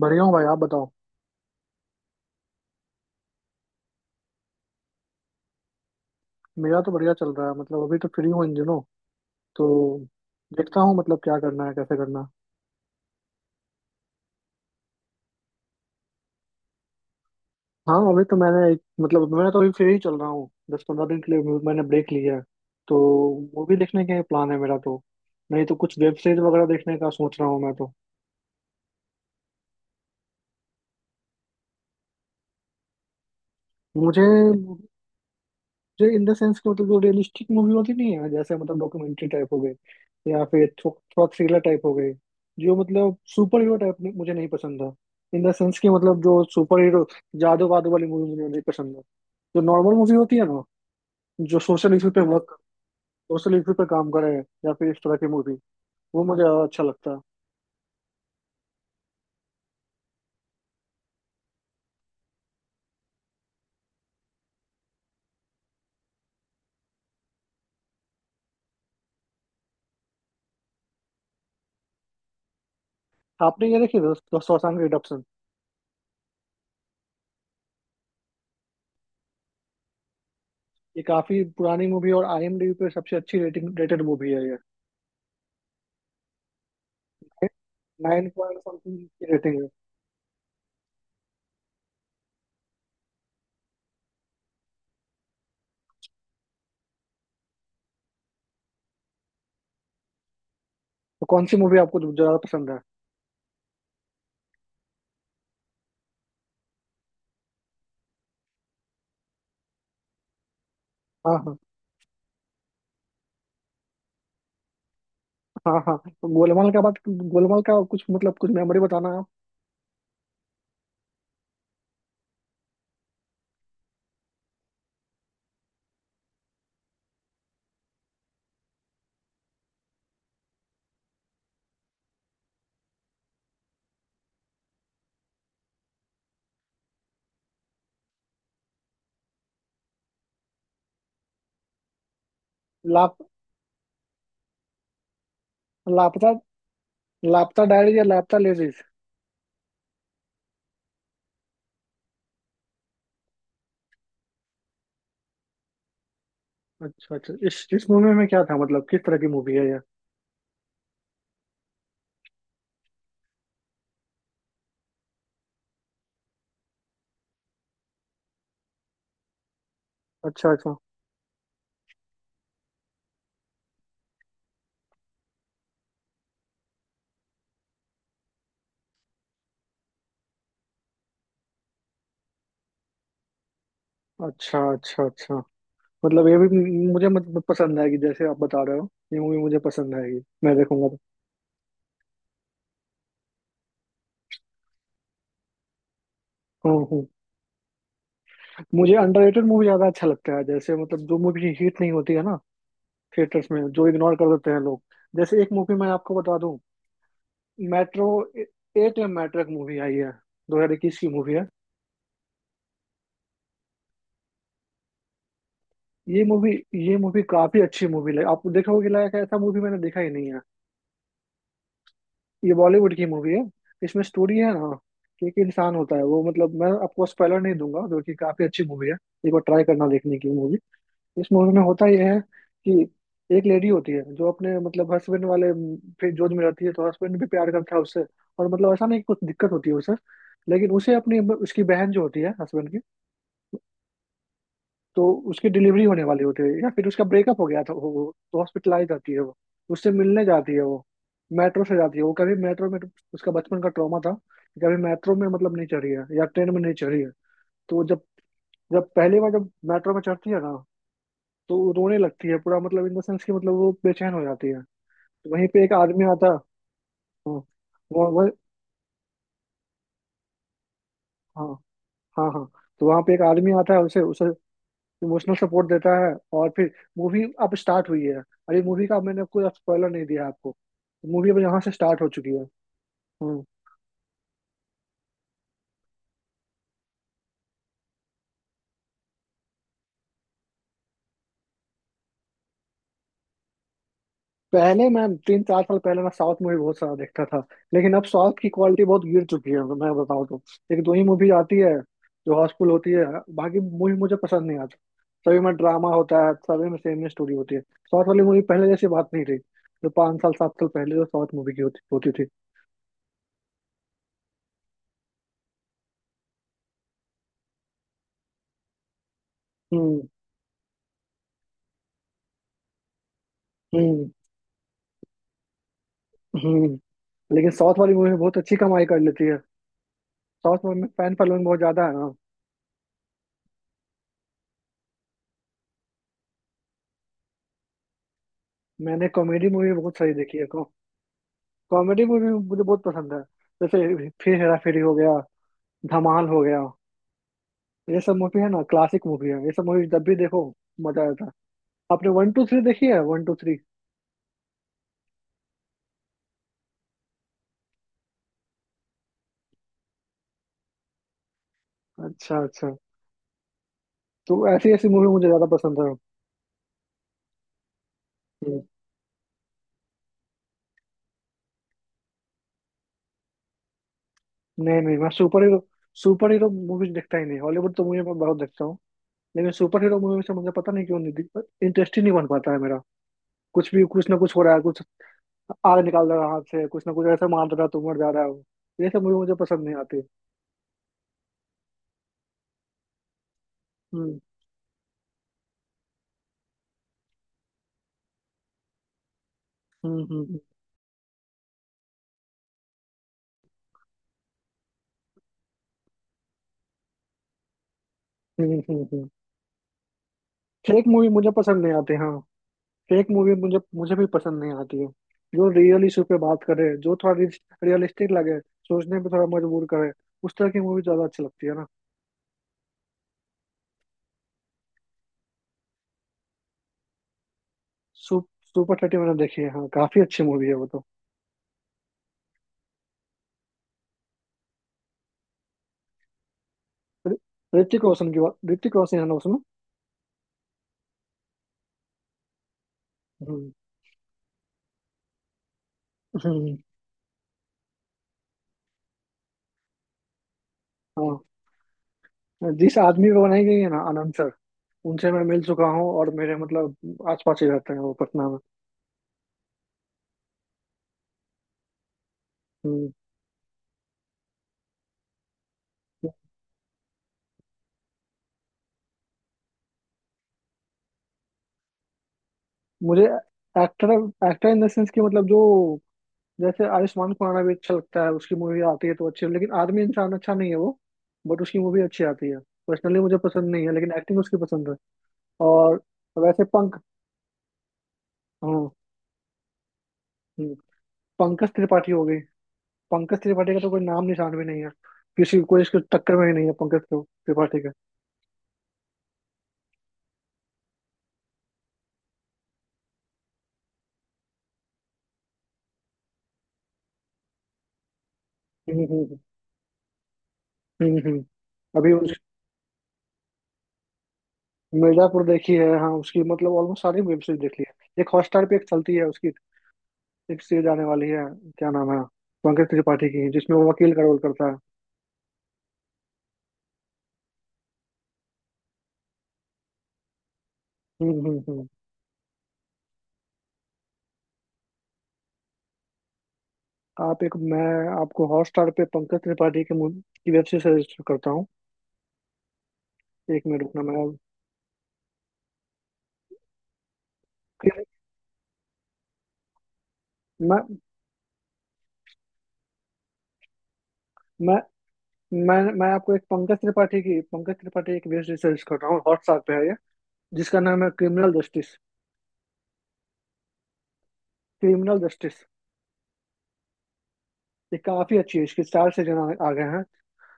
बढ़िया हूँ भाई आप बताओ। मेरा तो बढ़िया चल रहा है। मतलब अभी तो फ्री हूँ इन दिनों तो देखता हूँ मतलब क्या करना है कैसे करना है। हाँ अभी तो मैंने एक मतलब मैं तो अभी फ्री ही चल रहा हूँ 10-15 दिन के लिए मैंने ब्रेक लिया है तो मूवी देखने का प्लान है मेरा तो। नहीं तो कुछ वेब सीरीज वगैरह देखने का सोच रहा हूँ मैं तो। मुझे जो इन द सेंस कि मतलब जो रियलिस्टिक मूवी होती नहीं है जैसे मतलब डॉक्यूमेंट्री टाइप हो गए या फिर थोड़ा थ्रिलर टाइप हो गए। जो मतलब सुपर हीरो टाइप नहीं, मुझे नहीं पसंद था। इन द सेंस कि मतलब जो सुपर हीरो जादू वादू वाली मूवी मुझे नहीं पसंद है। जो नॉर्मल मूवी होती है ना, जो सोशल इशू पे काम करे या फिर इस तरह की मूवी वो मुझे ज्यादा अच्छा लगता है। आपने ये देखी दोस्तों, शॉशैंक रिडेम्पशन? ये काफी पुरानी मूवी है और आईएमडीबी पे सबसे अच्छी रेटिंग रेटेड मूवी है ये। 9 पॉइंट समथिंग की रेटिंग है। तो कौन सी मूवी आपको ज्यादा पसंद है? हाँ हाँ। हाँ हाँ, तो गोलमाल का कुछ मतलब कुछ मेमोरी बताना आप। लाप लापता। लापता डायरी या लापता लेडीज? अच्छा अच्छा, इस मूवी में क्या था, मतलब किस तरह की मूवी है ये? अच्छा अच्छा अच्छा। अच्छा अच्छा। मतलब ये भी मुझे मतलब पसंद आएगी। जैसे आप बता रहे हो, ये मूवी मुझे पसंद आएगी, मैं देखूंगा। तो मुझे अंडररेटेड मूवी ज्यादा अच्छा लगता है। जैसे मतलब जो मूवी हिट नहीं होती है ना, थिएटर्स में जो इग्नोर कर देते हैं लोग। जैसे एक मूवी मैं आपको बता दूं। मेट्रो एट या मेट्रो एक मूवी आई है 2021 की मूवी है। ये मूवी काफी अच्छी मूवी लगी। आप देखोगे, लायक ऐसा मूवी मैंने देखा ही नहीं है। ये बॉलीवुड की मूवी है। इसमें स्टोरी है ना कि एक इंसान होता है वो, मतलब मैं आपको स्पॉइलर नहीं दूंगा, जो कि काफी अच्छी मूवी है। एक बार ट्राई करना देखने की मूवी। इस मूवी में होता यह है कि एक लेडी होती है जो अपने मतलब हस्बैंड वाले फिर जोध में रहती है। तो हस्बैंड भी प्यार करता है उससे, और मतलब ऐसा नहीं कि कुछ दिक्कत होती है उसे। लेकिन उसे अपनी उसकी बहन जो होती है हस्बैंड की, तो उसकी डिलीवरी होने वाली होती है या फिर उसका ब्रेकअप हो गया था, तो हॉस्पिटलाइज जाती है वो। उससे मिलने जाती है वो। मेट्रो से जाती है वो। कभी मेट्रो में उसका बचपन का ट्रॉमा था कि कभी मेट्रो में मतलब नहीं चढ़ी है या ट्रेन में नहीं चढ़ी है। तो वो जब जब पहली बार जब मेट्रो में चढ़ती है ना, तो वो रोने लगती है पूरा, मतलब इन द सेंस कि मतलब वो बेचैन हो जाती है। तो वहीं पे एक आदमी आता है। हाँ। वो हाँ हाँ हाँ। तो वहाँ पे एक आदमी आता है उसे उसे इमोशनल सपोर्ट देता है। और फिर मूवी अब स्टार्ट हुई है। अरे मूवी का मैंने कोई स्पॉइलर नहीं दिया आपको। मूवी अब यहाँ से स्टार्ट हो चुकी है। हम्म। पहले मैं 3-4 साल पहले मैं साउथ मूवी बहुत सारा देखता था। लेकिन अब साउथ की क्वालिटी बहुत गिर चुकी है, मैं बताऊँ तो। एक दो ही मूवी आती है जो हाउसफुल होती है। बाकी मूवी मुझे पसंद नहीं आता। सभी में ड्रामा होता है, सभी में सेम ही स्टोरी होती है, साउथ वाली मूवी पहले जैसी बात नहीं रही जो 5 साल 7 साल पहले जो साउथ मूवी की होती होती थी। हम्म हम्म हम्म। लेकिन साउथ वाली मूवी में बहुत अच्छी कमाई कर लेती है। साउथ में फैन फॉलोइंग बहुत ज्यादा है ना। मैंने कॉमेडी मूवी बहुत सारी देखी है। कॉमेडी मूवी मुझे बहुत पसंद है। जैसे फिर हेरा फेरी हो गया, धमाल हो गया, ये सब मूवी है ना, क्लासिक मूवी है। ये सब मूवी जब भी देखो मजा आता है। आपने वन टू थ्री देखी है? One two three. अच्छा अच्छा। तो ऐसी ऐसी मूवी मुझे ज्यादा पसंद है। नहीं नहीं, मैं सुपर हीरो मूवीज देखता ही नहीं। हॉलीवुड तो मूवी मैं बहुत देखता हूँ। लेकिन सुपर हीरो मूवी से मुझे पता नहीं क्यों नहीं इंटरेस्ट ही नहीं बन पाता है मेरा। कुछ भी, कुछ ना कुछ हो रहा है, कुछ आग निकाल रहा है हाथ से, कुछ ना कुछ ऐसा मार रहा है तो मर जा रहा हूँ। ये सब मूवी मुझे पसंद नहीं आती। हम्म हम्म। हम्म। फेक मूवी मुझे पसंद नहीं आती, हाँ। फेक मूवी मुझे मुझे भी पसंद नहीं आती है। जो रियल इशू पे बात करे, जो थोड़ा रियलिस्टिक लगे, सोचने पे थोड़ा मजबूर करे, उस तरह की मूवी ज्यादा अच्छी लगती है ना। सु, सुपर 30 मैंने देखी है। हाँ, काफी अच्छी मूवी है वो तो। रि- ऋतिक रोशन की बात, ऋतिक रोशन है ना उसमें। हम्म हम्म, हाँ। जिस आदमी को बनाई गई है ना, आनंद सर, उनसे मैं मिल चुका हूँ और मेरे मतलब आस पास ही रहते हैं वो, पटना में। हम्म। मुझे एक्टर, इन द सेंस कि मतलब जो, जैसे आयुष्मान खुराना भी अच्छा लगता है। उसकी मूवी आती है तो अच्छी है, लेकिन आदमी इंसान अच्छा नहीं है वो। बट उसकी मूवी अच्छी आती है। पर्सनली मुझे पसंद नहीं है लेकिन एक्टिंग उसकी पसंद है। और वैसे पंख हाँ। हम्म। पंकज त्रिपाठी हो गई। पंकज त्रिपाठी का तो कोई नाम निशान भी नहीं है। किसी, कोई इसके टक्कर में ही नहीं है, पंकज त्रिपाठी का। हम्म। हम्म हम्म। अभी उस मिर्जापुर देखी है, हाँ। उसकी मतलब ऑलमोस्ट सारी वेब सीरीज देख ली है। एक हॉटस्टार पे एक चलती है उसकी। एक सीरीज आने वाली है। क्या नाम है, पंकज त्रिपाठी की, जिसमें वो वकील का रोल करता है। हम्म हम्म हम्म। आप एक मैं आपको हॉटस्टार पे पंकज त्रिपाठी के की वेब सीरीज सजेस्ट करता हूँ। 1 मिनट रुकना मैं। फिर मैं मैं मैं आपको एक पंकज त्रिपाठी एक वेब सीरीज कर रहा हूँ, हॉटस्टार पे है ये, जिसका नाम है क्रिमिनल जस्टिस। Criminal justice. ये काफी अच्छी है, इसके 4 सीजन आ गए हैं।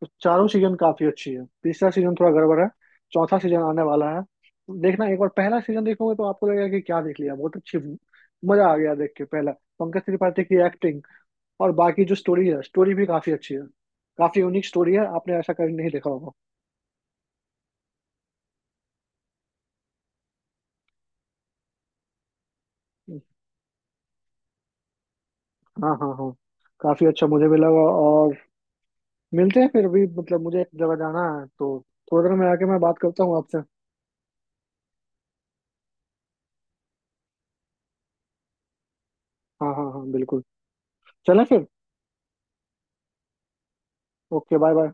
तो चारों सीजन काफी अच्छी है, तीसरा सीजन थोड़ा गड़बड़ है। चौथा सीजन आने वाला है। देखना एक बार, पहला सीजन देखोगे तो आपको लगेगा कि क्या देख लिया, बहुत अच्छी। मजा आ गया देख के पहला। पंकज त्रिपाठी की एक्टिंग और बाकी जो स्टोरी है, स्टोरी भी काफी अच्छी है। काफी यूनिक स्टोरी है, आपने ऐसा कभी नहीं देखा होगा। हाँ हाँ हाँ। काफी अच्छा मुझे भी लगा और मिलते हैं फिर। अभी मतलब मुझे एक जगह जाना है तो थोड़ी देर में आके मैं बात करता हूँ आपसे। हाँ हाँ हाँ बिल्कुल। चलें फिर। Okay, bye bye.